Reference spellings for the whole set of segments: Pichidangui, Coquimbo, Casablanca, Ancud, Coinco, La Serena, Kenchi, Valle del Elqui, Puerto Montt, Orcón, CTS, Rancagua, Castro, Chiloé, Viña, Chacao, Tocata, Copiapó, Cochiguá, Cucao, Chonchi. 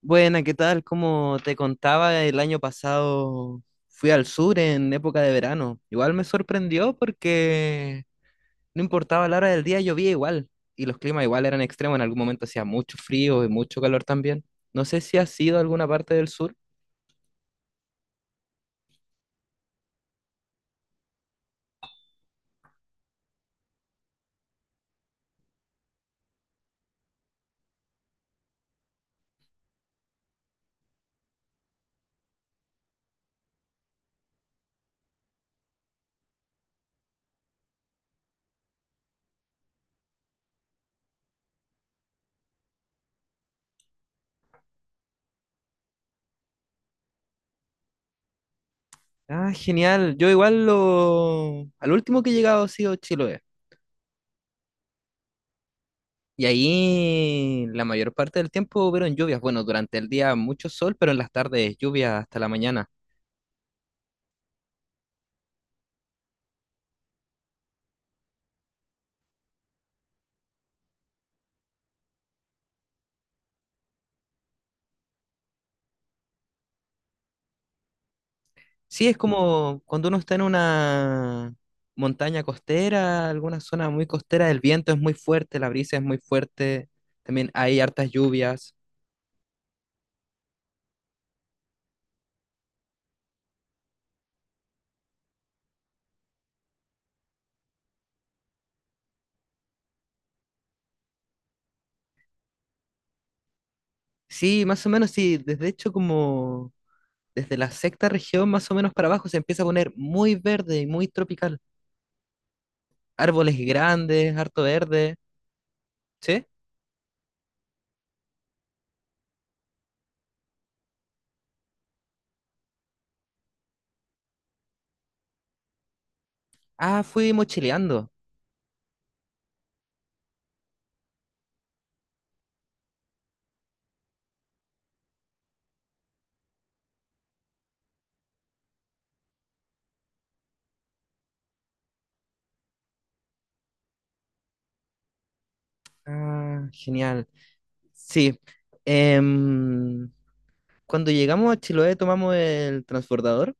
Buena, ¿qué tal? Como te contaba, el año pasado fui al sur en época de verano. Igual me sorprendió porque no importaba la hora del día, llovía igual. Y los climas igual eran extremos. En algún momento hacía mucho frío y mucho calor también. No sé si has ido alguna parte del sur. Ah, genial. Yo igual lo... Al último que he llegado ha sido Chiloé. Y ahí la mayor parte del tiempo hubieron lluvias. Bueno, durante el día mucho sol, pero en las tardes lluvias hasta la mañana. Sí, es como cuando uno está en una montaña costera, alguna zona muy costera, el viento es muy fuerte, la brisa es muy fuerte, también hay hartas lluvias. Sí, más o menos, sí, desde hecho como desde la sexta región más o menos para abajo se empieza a poner muy verde y muy tropical. Árboles grandes, harto verde, ¿sí? Ah, fui mochileando. Ah, genial. Sí. em, Cuando llegamos a Chiloé tomamos el transbordador.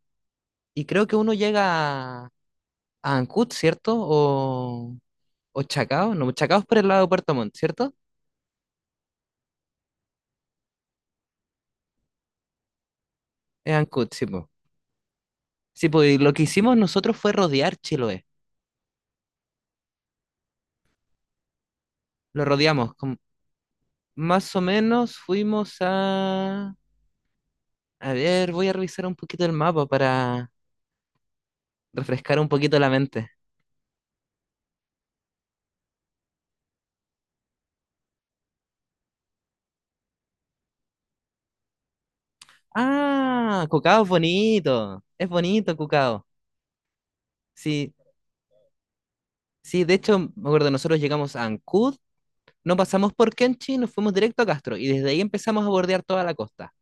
Y creo que uno llega a Ancud, ¿cierto? O Chacao, no, Chacao es por el lado de Puerto Montt, ¿cierto? Es Ancud, sí, pues. Sí, po, y lo que hicimos nosotros fue rodear Chiloé. Lo rodeamos, más o menos fuimos a... A ver, voy a revisar un poquito el mapa para refrescar un poquito la mente. Ah, Cucao es bonito Cucao. Sí, sí, de hecho, me acuerdo, nosotros llegamos a Ancud, no pasamos por Kenchi, nos fuimos directo a Castro y desde ahí empezamos a bordear toda la costa.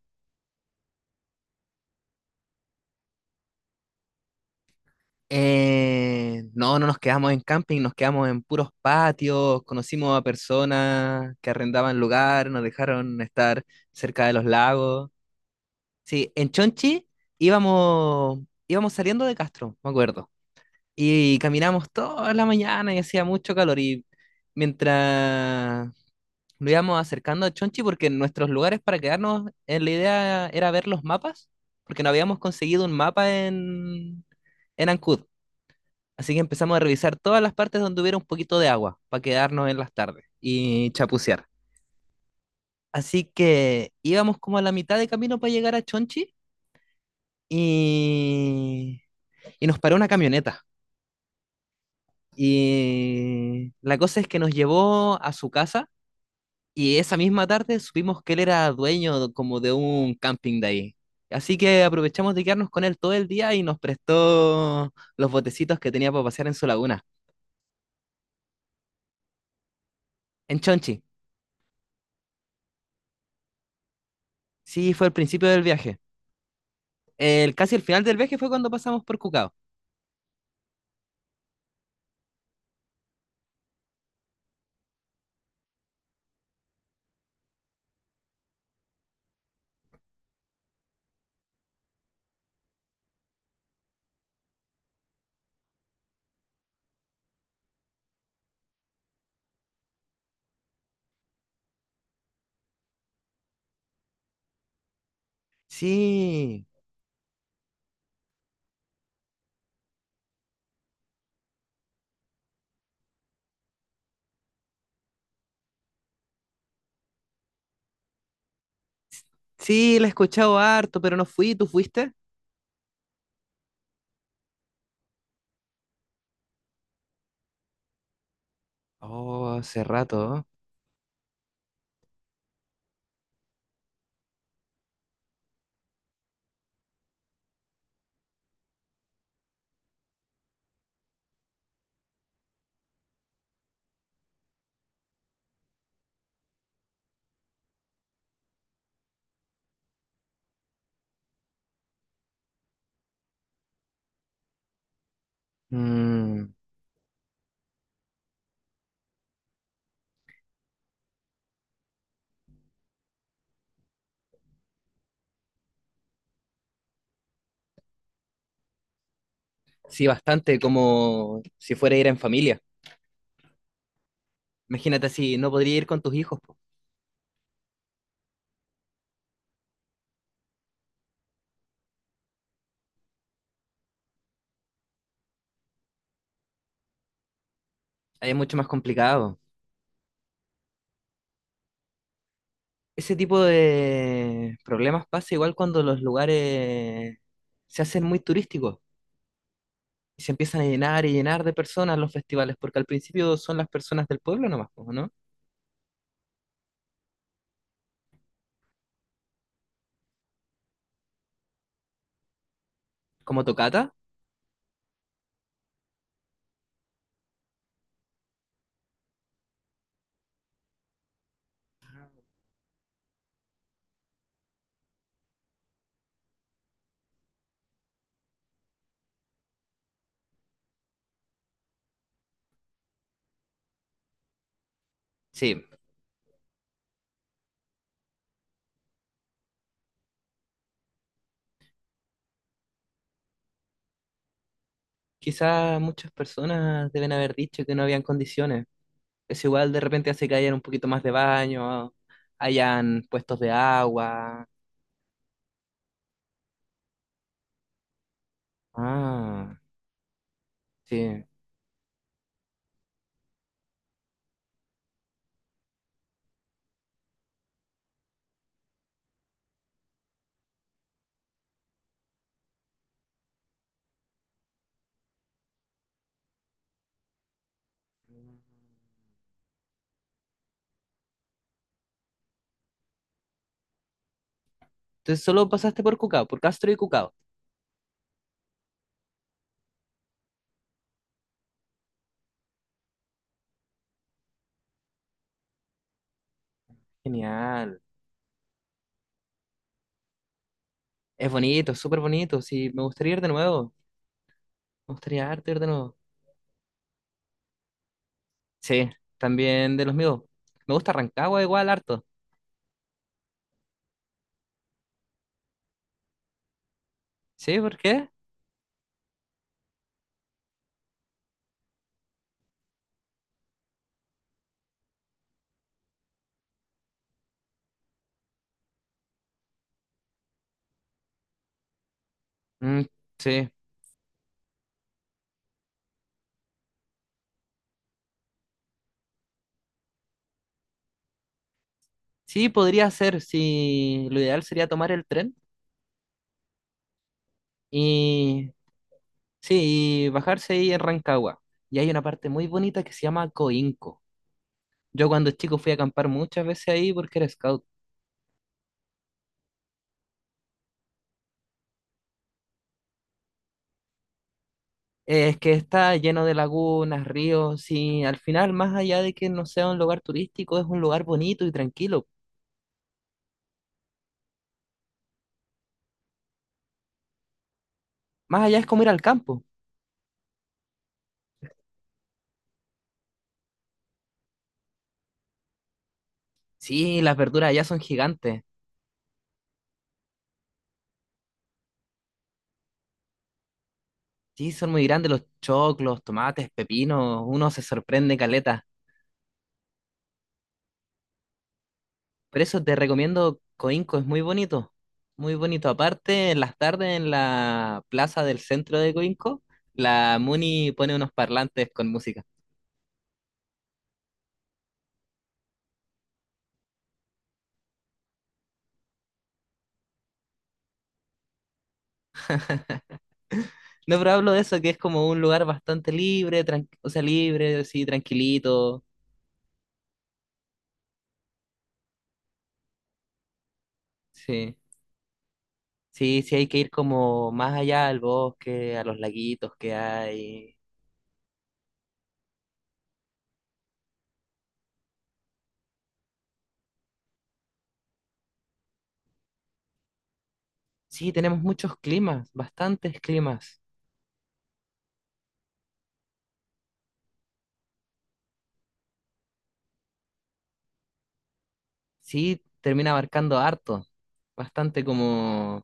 No, no nos quedamos en camping, nos quedamos en puros patios, conocimos a personas que arrendaban lugar, nos dejaron estar cerca de los lagos. Sí, en Chonchi íbamos, íbamos saliendo de Castro, me acuerdo, y caminamos toda la mañana y hacía mucho calor y mientras nos íbamos acercando a Chonchi porque nuestros lugares para quedarnos, la idea era ver los mapas, porque no habíamos conseguido un mapa en Ancud. Así que empezamos a revisar todas las partes donde hubiera un poquito de agua para quedarnos en las tardes y chapucear. Así que íbamos como a la mitad de camino para llegar a Chonchi y, y nos paró una camioneta. Y la cosa es que nos llevó a su casa. Y esa misma tarde supimos que él era dueño como de un camping de ahí. Así que aprovechamos de quedarnos con él todo el día y nos prestó los botecitos que tenía para pasear en su laguna, en Chonchi. Sí, fue el principio del viaje. El, casi el final del viaje fue cuando pasamos por Cucao. Sí, sí, la he escuchado harto, pero no fui. ¿Tú fuiste? Oh, hace rato. ¿No? Mm, sí, bastante, como si fuera a ir en familia. Imagínate si no podría ir con tus hijos, po. Ahí es mucho más complicado. Ese tipo de problemas pasa igual cuando los lugares se hacen muy turísticos y se empiezan a llenar y llenar de personas los festivales, porque al principio son las personas del pueblo nomás, po, ¿no? Como Tocata, sí. Quizás muchas personas deben haber dicho que no habían condiciones. Eso igual de repente hace que hayan un poquito más de baño, hayan puestos de agua. Ah, sí. Entonces solo pasaste por Cucao, por Castro y Cucao. Genial. Es bonito, súper bonito. Sí, me gustaría ir de nuevo. Me gustaría harto ir de nuevo. Sí, también de los míos. Me gusta Rancagua igual harto. ¿Sí? ¿Por qué? Mm, sí. Sí, podría ser. Sí, lo ideal sería tomar el tren y sí, y bajarse ahí en Rancagua. Y hay una parte muy bonita que se llama Coinco. Yo cuando chico fui a acampar muchas veces ahí porque era scout. Es que está lleno de lagunas, ríos y al final, más allá de que no sea un lugar turístico, es un lugar bonito y tranquilo. Más allá es como ir al campo. Sí, las verduras allá son gigantes. Sí, son muy grandes los choclos, tomates, pepinos, uno se sorprende caleta. Por eso te recomiendo Coinco, es muy bonito, muy bonito. Aparte, en las tardes en la plaza del centro de Coinco, la Muni pone unos parlantes con música. No, pero hablo de eso, que es como un lugar bastante libre, o sea, libre, sí, tranquilito. Sí, sí, sí, hay que ir como más allá al bosque, a los laguitos que hay. Sí, tenemos muchos climas, bastantes climas. Sí, termina abarcando harto, bastante como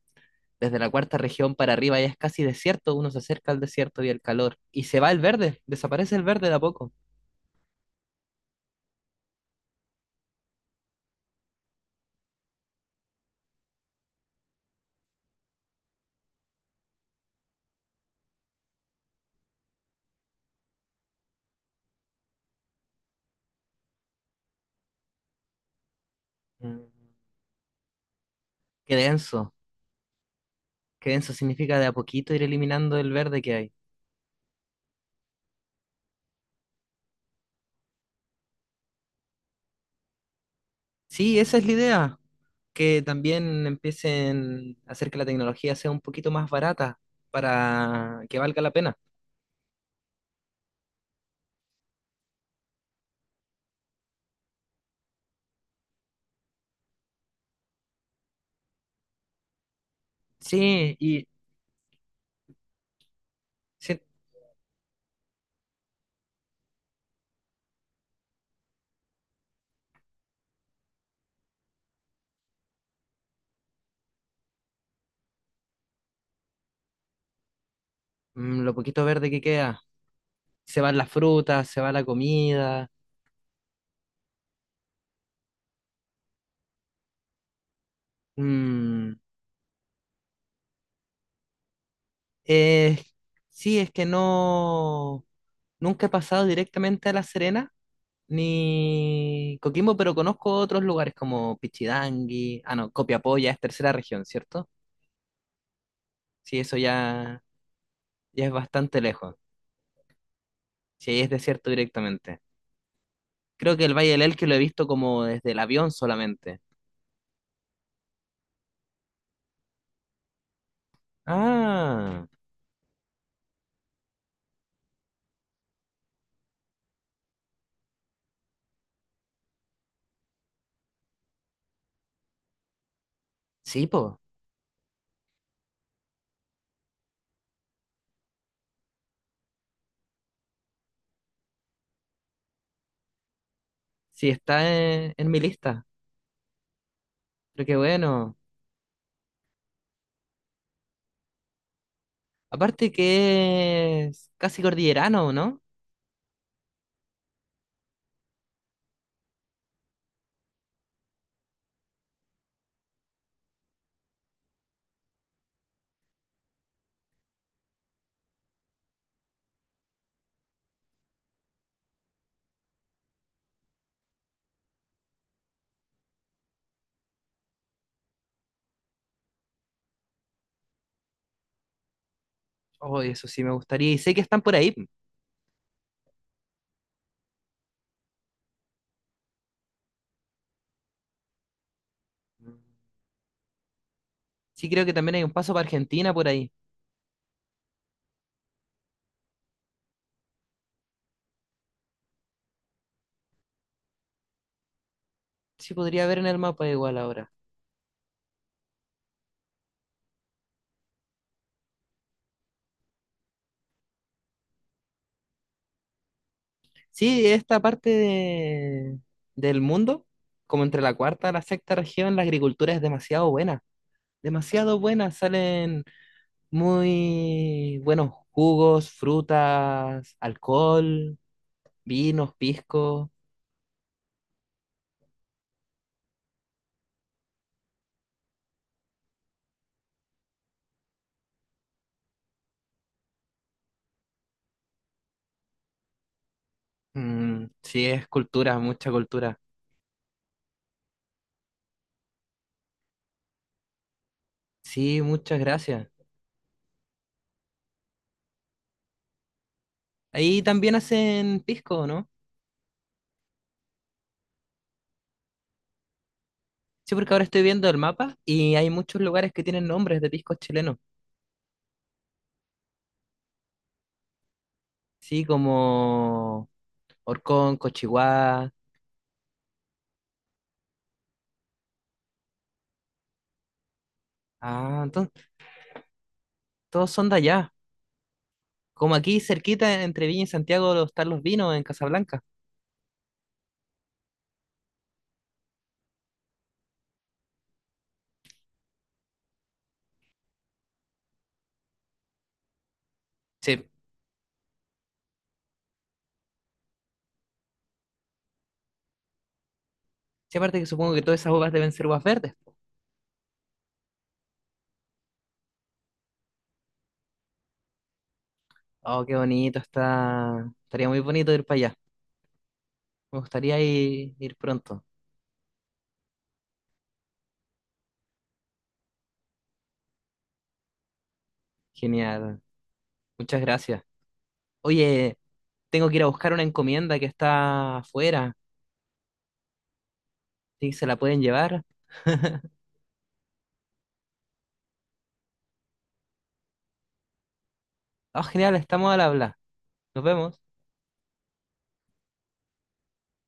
desde la cuarta región para arriba ya es casi desierto, uno se acerca al desierto y al calor, y se va el verde, desaparece el verde de a poco. Mm. Qué denso, qué denso significa de a poquito ir eliminando el verde que hay. Sí, esa es la idea, que también empiecen a hacer que la tecnología sea un poquito más barata para que valga la pena. Sí, y sí, mm, lo poquito verde que queda, se van las frutas, se va la comida. Mm. Eh, sí, es que no, nunca he pasado directamente a La Serena ni Coquimbo, pero conozco otros lugares como Pichidangui, ah no, Copiapó ya es tercera región, ¿cierto? Sí, eso ya, ya es bastante lejos, sí, ahí es desierto directamente. Creo que el Valle del Elqui lo he visto como desde el avión solamente. Ah, sí, po, sí, está en mi lista, pero qué bueno. Aparte que es casi cordillerano, ¿no? Oh, eso sí me gustaría. Y sé que están por ahí. Sí, creo que también hay un paso para Argentina por ahí. Sí, podría ver en el mapa igual ahora. Sí, esta parte del mundo, como entre la cuarta y la sexta región, la agricultura es demasiado buena. Demasiado buena. Salen muy buenos jugos, frutas, alcohol, vinos, pisco. Mm, sí, es cultura, mucha cultura. Sí, muchas gracias. Ahí también hacen pisco, ¿no? Sí, porque ahora estoy viendo el mapa y hay muchos lugares que tienen nombres de piscos chilenos. Sí, como Orcón, Cochiguá. Ah, entonces todos son de allá. Como aquí cerquita entre Viña y Santiago están los vinos en Casablanca. Sí, sí, aparte que supongo que todas esas uvas deben ser uvas verdes. Oh, qué bonito está. Estaría muy bonito ir para allá. Me gustaría ir, ir pronto. Genial. Muchas gracias. Oye, tengo que ir a buscar una encomienda que está afuera. ¿Sí? ¿Se la pueden llevar? Ah, genial, estamos al habla. Nos vemos.